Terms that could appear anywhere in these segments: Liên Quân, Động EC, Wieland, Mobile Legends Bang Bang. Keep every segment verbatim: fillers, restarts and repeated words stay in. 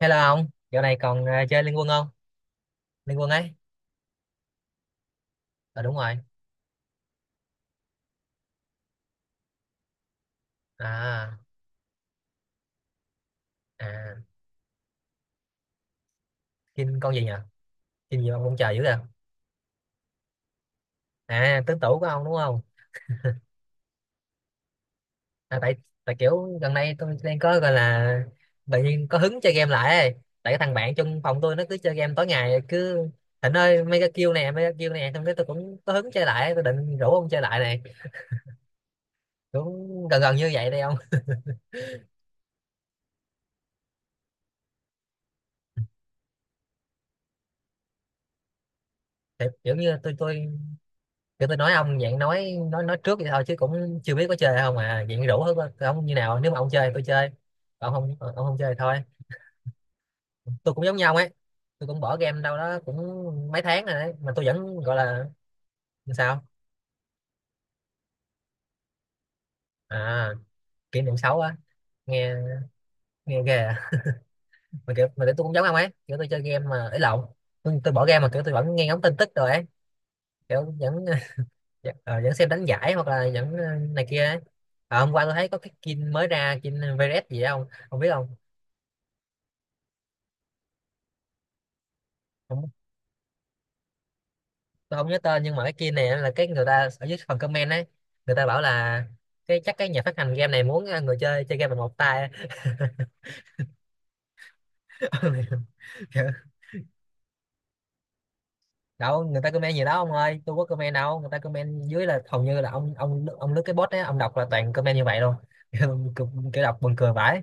Hello ông, dạo này còn ờ, chơi Liên Quân không? Liên Quân ấy. Ờ đúng rồi. À à Kim con gì nhỉ? Kim gì mà ông chờ dữ kìa. À, tứ tủ của ông đúng không? À, tại tại kiểu gần đây tôi đang có gọi là tự nhiên có hứng chơi game lại ấy. Tại cái thằng bạn trong phòng tôi nó cứ chơi game tối ngày cứ Thịnh ơi mấy cái kill nè, mấy cái kill nè, xong cái tôi cũng có hứng chơi lại, tôi định rủ ông chơi lại này. Cũng gần gần như vậy đây ông. Thì kiểu như tôi tôi kiểu tôi nói ông dạng nói nói nói trước vậy thôi chứ cũng chưa biết có chơi không, à dạng rủ thôi, ông như nào nếu mà ông chơi thì tôi chơi, còn không ờ, ông không chơi thì thôi. Tôi cũng giống nhau ấy, tôi cũng bỏ game đâu đó cũng mấy tháng rồi đấy mà tôi vẫn gọi là sao à, kỷ niệm xấu á, nghe nghe ghê à. Mà kiểu mà kiểu tôi cũng giống ông ấy, kiểu tôi chơi game mà ấy lộn, tôi, tôi bỏ game mà kiểu tôi vẫn nghe ngóng tin tức rồi ấy, kiểu vẫn vẫn, ờ, vẫn xem đánh giải hoặc là vẫn ờ, này kia ấy. À, hôm qua tôi thấy có cái skin mới ra, skin vê rờ ét gì đó không, không biết không, không, tôi không nhớ tên nhưng mà cái kia này là cái người ta ở dưới phần comment ấy, người ta bảo là cái chắc cái nhà phát hành game này muốn ờ, người chơi chơi game bằng một tay. Kiểu, đâu người ta comment gì đó ông ơi, tôi có comment đâu, người ta comment dưới là hầu như là ông ông ông lướt cái bot ấy ông đọc là toàn comment như vậy luôn. Kiểu, kiểu đọc buồn cười vãi.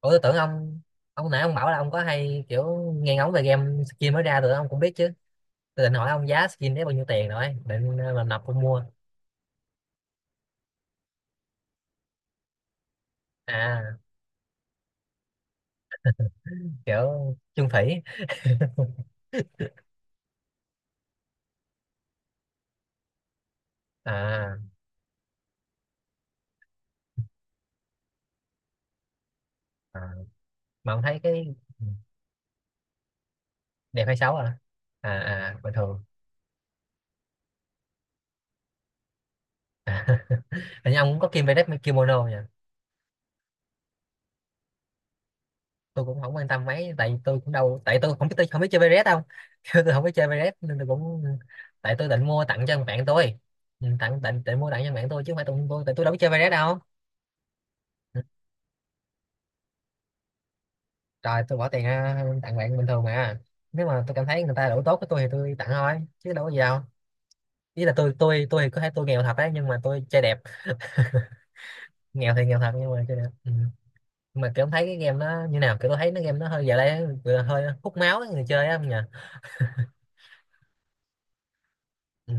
Ủa tôi tưởng ông, ông nãy ông bảo là ông có hay kiểu nghe ngóng về game skin mới ra rồi ông cũng biết chứ. Tôi định hỏi ông giá skin đấy bao nhiêu tiền rồi định ờ, là nộp ông mua. À, kiểu chung thủy. À, à. Mà ông thấy cái ừ, đẹp hay xấu à? À à, bình thường à. Hình như ông cũng có kim vest với kimono nha. Tôi cũng không quan tâm mấy, tại tôi cũng đâu, tại tôi không biết, tôi không biết chơi vest đâu. Tôi không biết chơi vest nên tôi cũng, tại tôi định mua tặng cho thằng bạn tôi. Ừ, tặng định, định mua tặng cho thằng bạn tôi chứ không phải tôi tôi tại tôi đâu biết chơi vest đâu. Ừ. Trời tôi bỏ tiền ra tặng bạn bình thường mà, nếu mà tôi cảm thấy người ta đủ tốt với tôi thì tôi tặng thôi chứ đâu có gì đâu. Ý là tôi tôi tôi thì có thể tôi nghèo thật đấy nhưng mà tôi chơi đẹp, nghèo thì nghèo thật nhưng mà chơi đẹp ừ. Nhưng mà kiểu em thấy cái game nó như nào, kiểu tôi thấy nó game nó hơi giờ đây vừa hơi hút máu ấy, người chơi á không nhỉ. Ừ.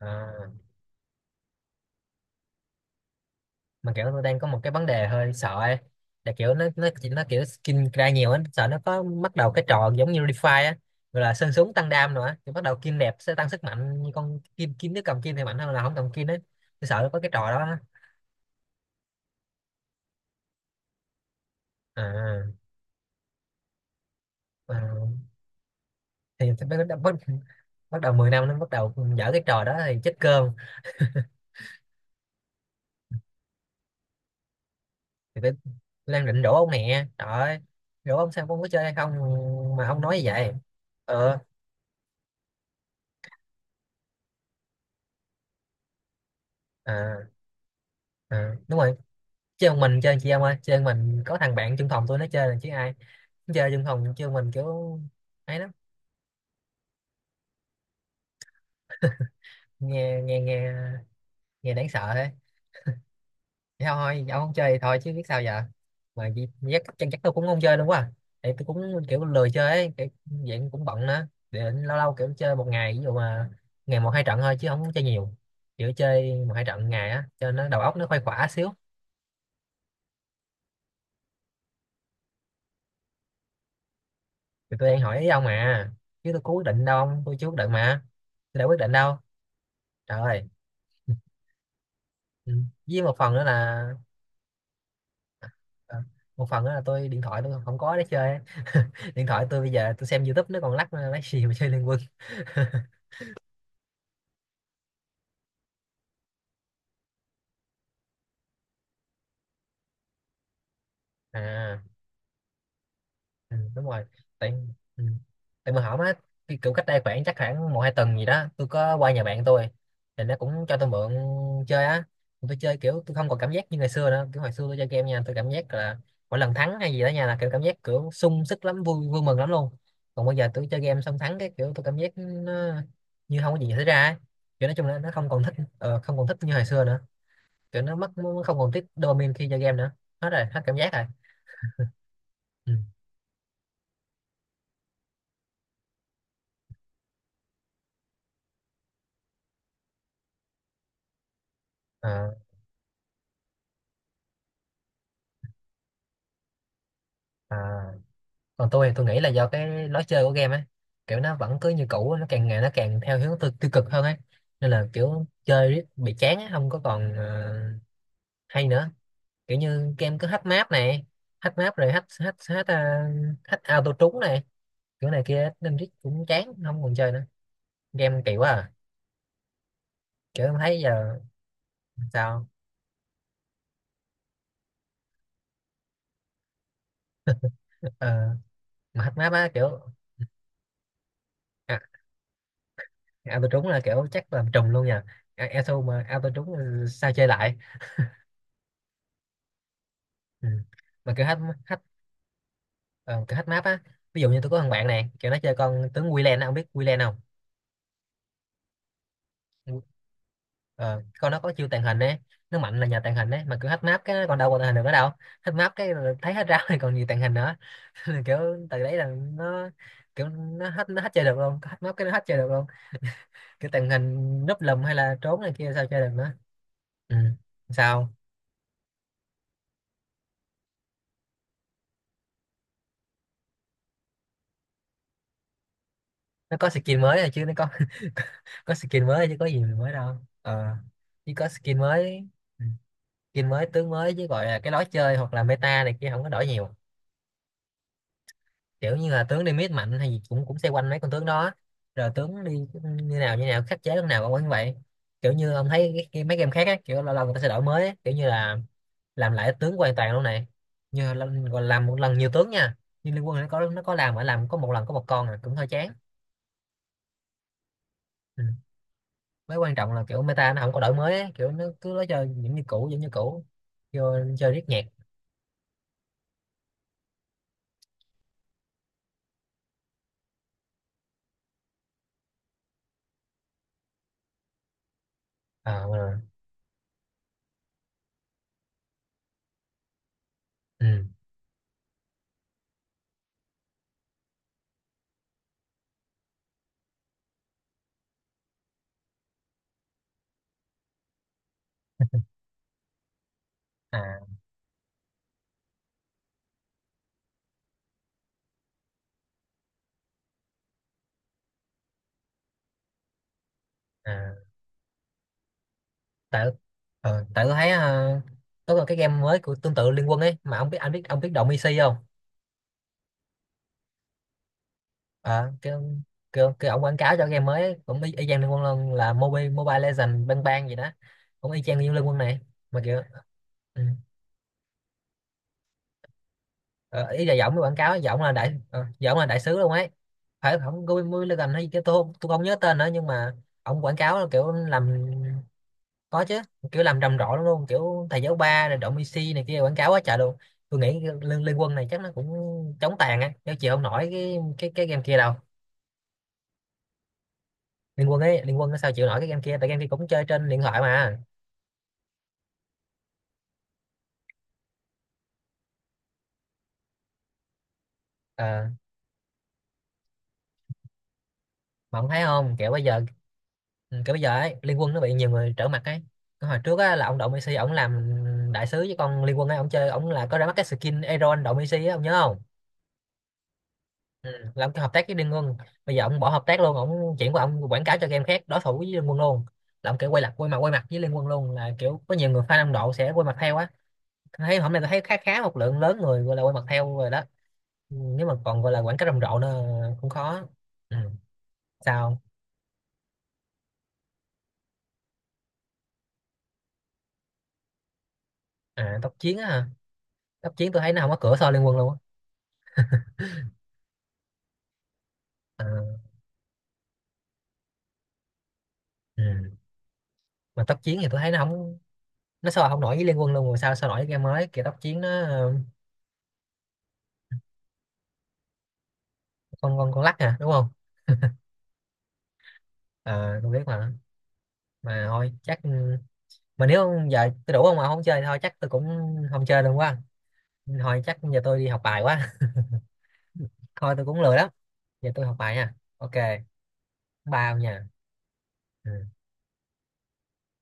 À. Mà kiểu tôi đang có một cái vấn đề hơi sợ ấy, là kiểu nó nó chỉ nó kiểu skin ra nhiều ấy, sợ nó có bắt đầu cái trò giống như Refi á, gọi là sơn súng tăng đam nữa thì bắt đầu kim đẹp sẽ tăng sức mạnh, như con kim kim nếu cầm kim thì mạnh hơn là không cầm kim ấy. Tôi sợ nó có cái trò đó á. À, à. Thì bắt, bắt, bắt đầu mười năm nó bắt đầu dở cái trò đó thì chết cơm. Thì phải Lan định rủ ông nè trời ơi, rủ ông xem ông có chơi hay không mà ông nói như vậy. Ờ, à, à, đúng rồi. Chơi một mình chơi chị em ơi, chơi một mình có thằng bạn chung phòng tôi nó chơi là chứ ai. Nó chơi chung phòng chơi một mình kiểu ấy lắm. Nghe nghe nghe, nghe đáng sợ thế. Thế thôi ông không chơi thì thôi chứ biết sao giờ, mà gi- giác chắc chắc tôi cũng không chơi luôn quá à. Thì tôi cũng kiểu lười chơi ấy, kiểu dạng cũng bận nữa, để lâu lâu kiểu chơi một ngày, ví dụ mà ngày một hai trận thôi chứ không có chơi nhiều, kiểu chơi một hai trận ngày á cho nó đầu óc nó khuây khỏa xíu. Thì tôi đang hỏi ý ông mà, chứ tôi có quyết định đâu ông, tôi chưa quyết định mà, tôi đã quyết định đâu, trời ơi. Ừ. Với một phần nữa là, à, một phần nữa là tôi điện thoại tôi không có để chơi á. Điện thoại tôi bây giờ tôi xem YouTube nó còn lắc lấy gì mà chơi Liên Quân. À ừ, đúng rồi. Tại ừ. Tại mà hỏng á, cái kiểu cách đây khoảng chắc khoảng một hai tuần gì đó tôi có qua nhà bạn tôi, thì nó cũng cho tôi mượn chơi á. Mà tôi chơi kiểu tôi không còn cảm giác như ngày xưa nữa, kiểu hồi xưa tôi chơi game nha tôi cảm giác là mỗi lần thắng hay gì đó nha là kiểu cảm giác kiểu sung sức lắm, vui vui mừng lắm luôn. Còn bây giờ tôi chơi game xong thắng cái kiểu tôi cảm giác nó như không có gì xảy ra ấy. Kiểu nói chung là nó không còn thích ờ, không còn thích như hồi xưa nữa, kiểu nó mất nó không còn tiết dopamine khi chơi game nữa, hết rồi hết cảm giác rồi ừ. Ờ, ờ. Còn tôi thì tôi nghĩ là do cái lối chơi của game á, kiểu nó vẫn cứ như cũ, nó càng ngày nó càng theo hướng tiêu, tiêu cực hơn ấy, nên là kiểu chơi riết bị chán á, không có còn ờ, hay nữa. Kiểu như game cứ hack map này, hack map rồi hack hack hack, ờ, hack auto trúng này kiểu này kia nên riết cũng chán không còn chơi nữa, game kỳ quá à. Kiểu em thấy giờ sao. Ờ, mà hack map á kiểu. À, auto trúng là kiểu chắc làm trùm luôn nha. À, auto mà auto trúng ờ, sao chơi lại. Ừ. Mà kiểu hack hack ờ, kiểu hack map á, ví dụ như tôi có thằng bạn này kiểu nó chơi con tướng Wieland á, ông biết Wieland không? Ờ, con nó có chiêu tàng hình đấy, nó mạnh là nhờ tàng hình đấy mà cứ hack map cái nó còn đâu còn tàng hình được nữa đâu. Hack map cái là thấy hết rau thì còn gì tàng hình nữa. Nên kiểu từ đấy là nó kiểu nó hết, nó hết chơi được luôn, hack map cái nó hết chơi được luôn, kiểu tàng hình núp lùm hay là trốn này kia sao chơi được nữa. Ừ. Sao? Nó có skin mới rồi chứ nó có có skin mới chứ có gì mới đâu. Ờ chỉ có skin mới. Ừ. Skin mới tướng mới chứ gọi là cái lối chơi hoặc là meta này kia không có đổi nhiều, kiểu như là tướng đi mid mạnh hay gì cũng cũng xoay quanh mấy con tướng đó, rồi tướng đi như nào như nào khắc chế lúc nào cũng như vậy. Kiểu như ông thấy cái, cái, mấy game khác á kiểu lâu lâu người ta sẽ đổi mới á, kiểu như là làm lại tướng hoàn toàn luôn này, như là, gọi là làm một lần nhiều tướng nha, như Liên Quân nó có nó có làm mà làm có một lần có một con à cũng hơi chán. Ừ. Mới quan trọng là kiểu meta nó không có đổi mới á, kiểu nó cứ lối chơi vẫn như cũ vẫn như cũ, vô chơi riết nhạc. Ờ, ừ. À, à. Tại ờ, tại tôi thấy ờ, có còn cái game mới của tương tự Liên Quân ấy mà ông biết anh biết ông biết Động e xê không? Ờ, cái ông- cái cái ông quảng cáo cho game mới ấy, cũng y, y chang Liên Quân luôn là Mobile Mobile Legends Bang Bang gì đó, cũng y chang như Liên Quân này mà kiểu ừ. Ờ, ý là giọng cái quảng cáo giọng là đại ờ, giọng là đại sứ luôn ấy, phải không Mobile Legends hay cái tôi không- tôi không nhớ tên nữa nhưng mà ông quảng cáo là kiểu làm, có chứ, kiểu làm rầm rộ lắm luôn kiểu thầy giáo ba rồi động i xê này kia quảng cáo quá trời luôn. Tôi nghĩ liên, liên quân này chắc nó cũng chống tàn á chứ chịu không nổi cái cái cái game kia đâu. Liên quân ấy, liên quân nó sao chịu nổi cái game kia, tại game kia cũng chơi trên điện thoại mà. Ờ, mà ông thấy không kiểu bây giờ ừ, kiểu bây giờ ấy liên quân nó bị nhiều người trở mặt ấy. Cái hồi trước á là ông động i xê ông làm đại sứ với con liên quân ấy, ông chơi ông là có ra mắt cái skin Aeron động i xê á, ông nhớ không? Ừ. Làm cái hợp tác với Liên Quân, bây giờ ông bỏ hợp tác luôn, ông chuyển qua ông quảng cáo cho game khác đối thủ với Liên Quân luôn, là ông kiểu quay lại quay mặt quay mặt với Liên Quân luôn, là kiểu có nhiều người fan Nam Độ sẽ quay mặt theo á. Tôi thấy hôm nay tôi thấy khá khá một lượng lớn người gọi là quay mặt theo rồi đó. Ừ, nếu mà còn gọi là quảng cáo rầm rộ nữa cũng khó. Ừ. Sao? À tốc chiến á hả, tốc chiến tôi thấy nó không có cửa so Liên Quân luôn á. À, ừ. Mà tốc chiến thì tôi thấy nó không, nó sao không nổi với Liên Quân luôn rồi sao sao nổi với game mới kiểu tốc chiến nó ờ, con con con lắc à đúng không. Ờ, tôi biết mà. Mà thôi chắc ừ, mà nếu giờ tôi đủ không mà không chơi thôi chắc tôi cũng không chơi luôn quá, thôi chắc giờ tôi đi học bài quá. Thôi tôi cũng lười lắm, giờ tôi học bài nha ok, ba nha. Ừ.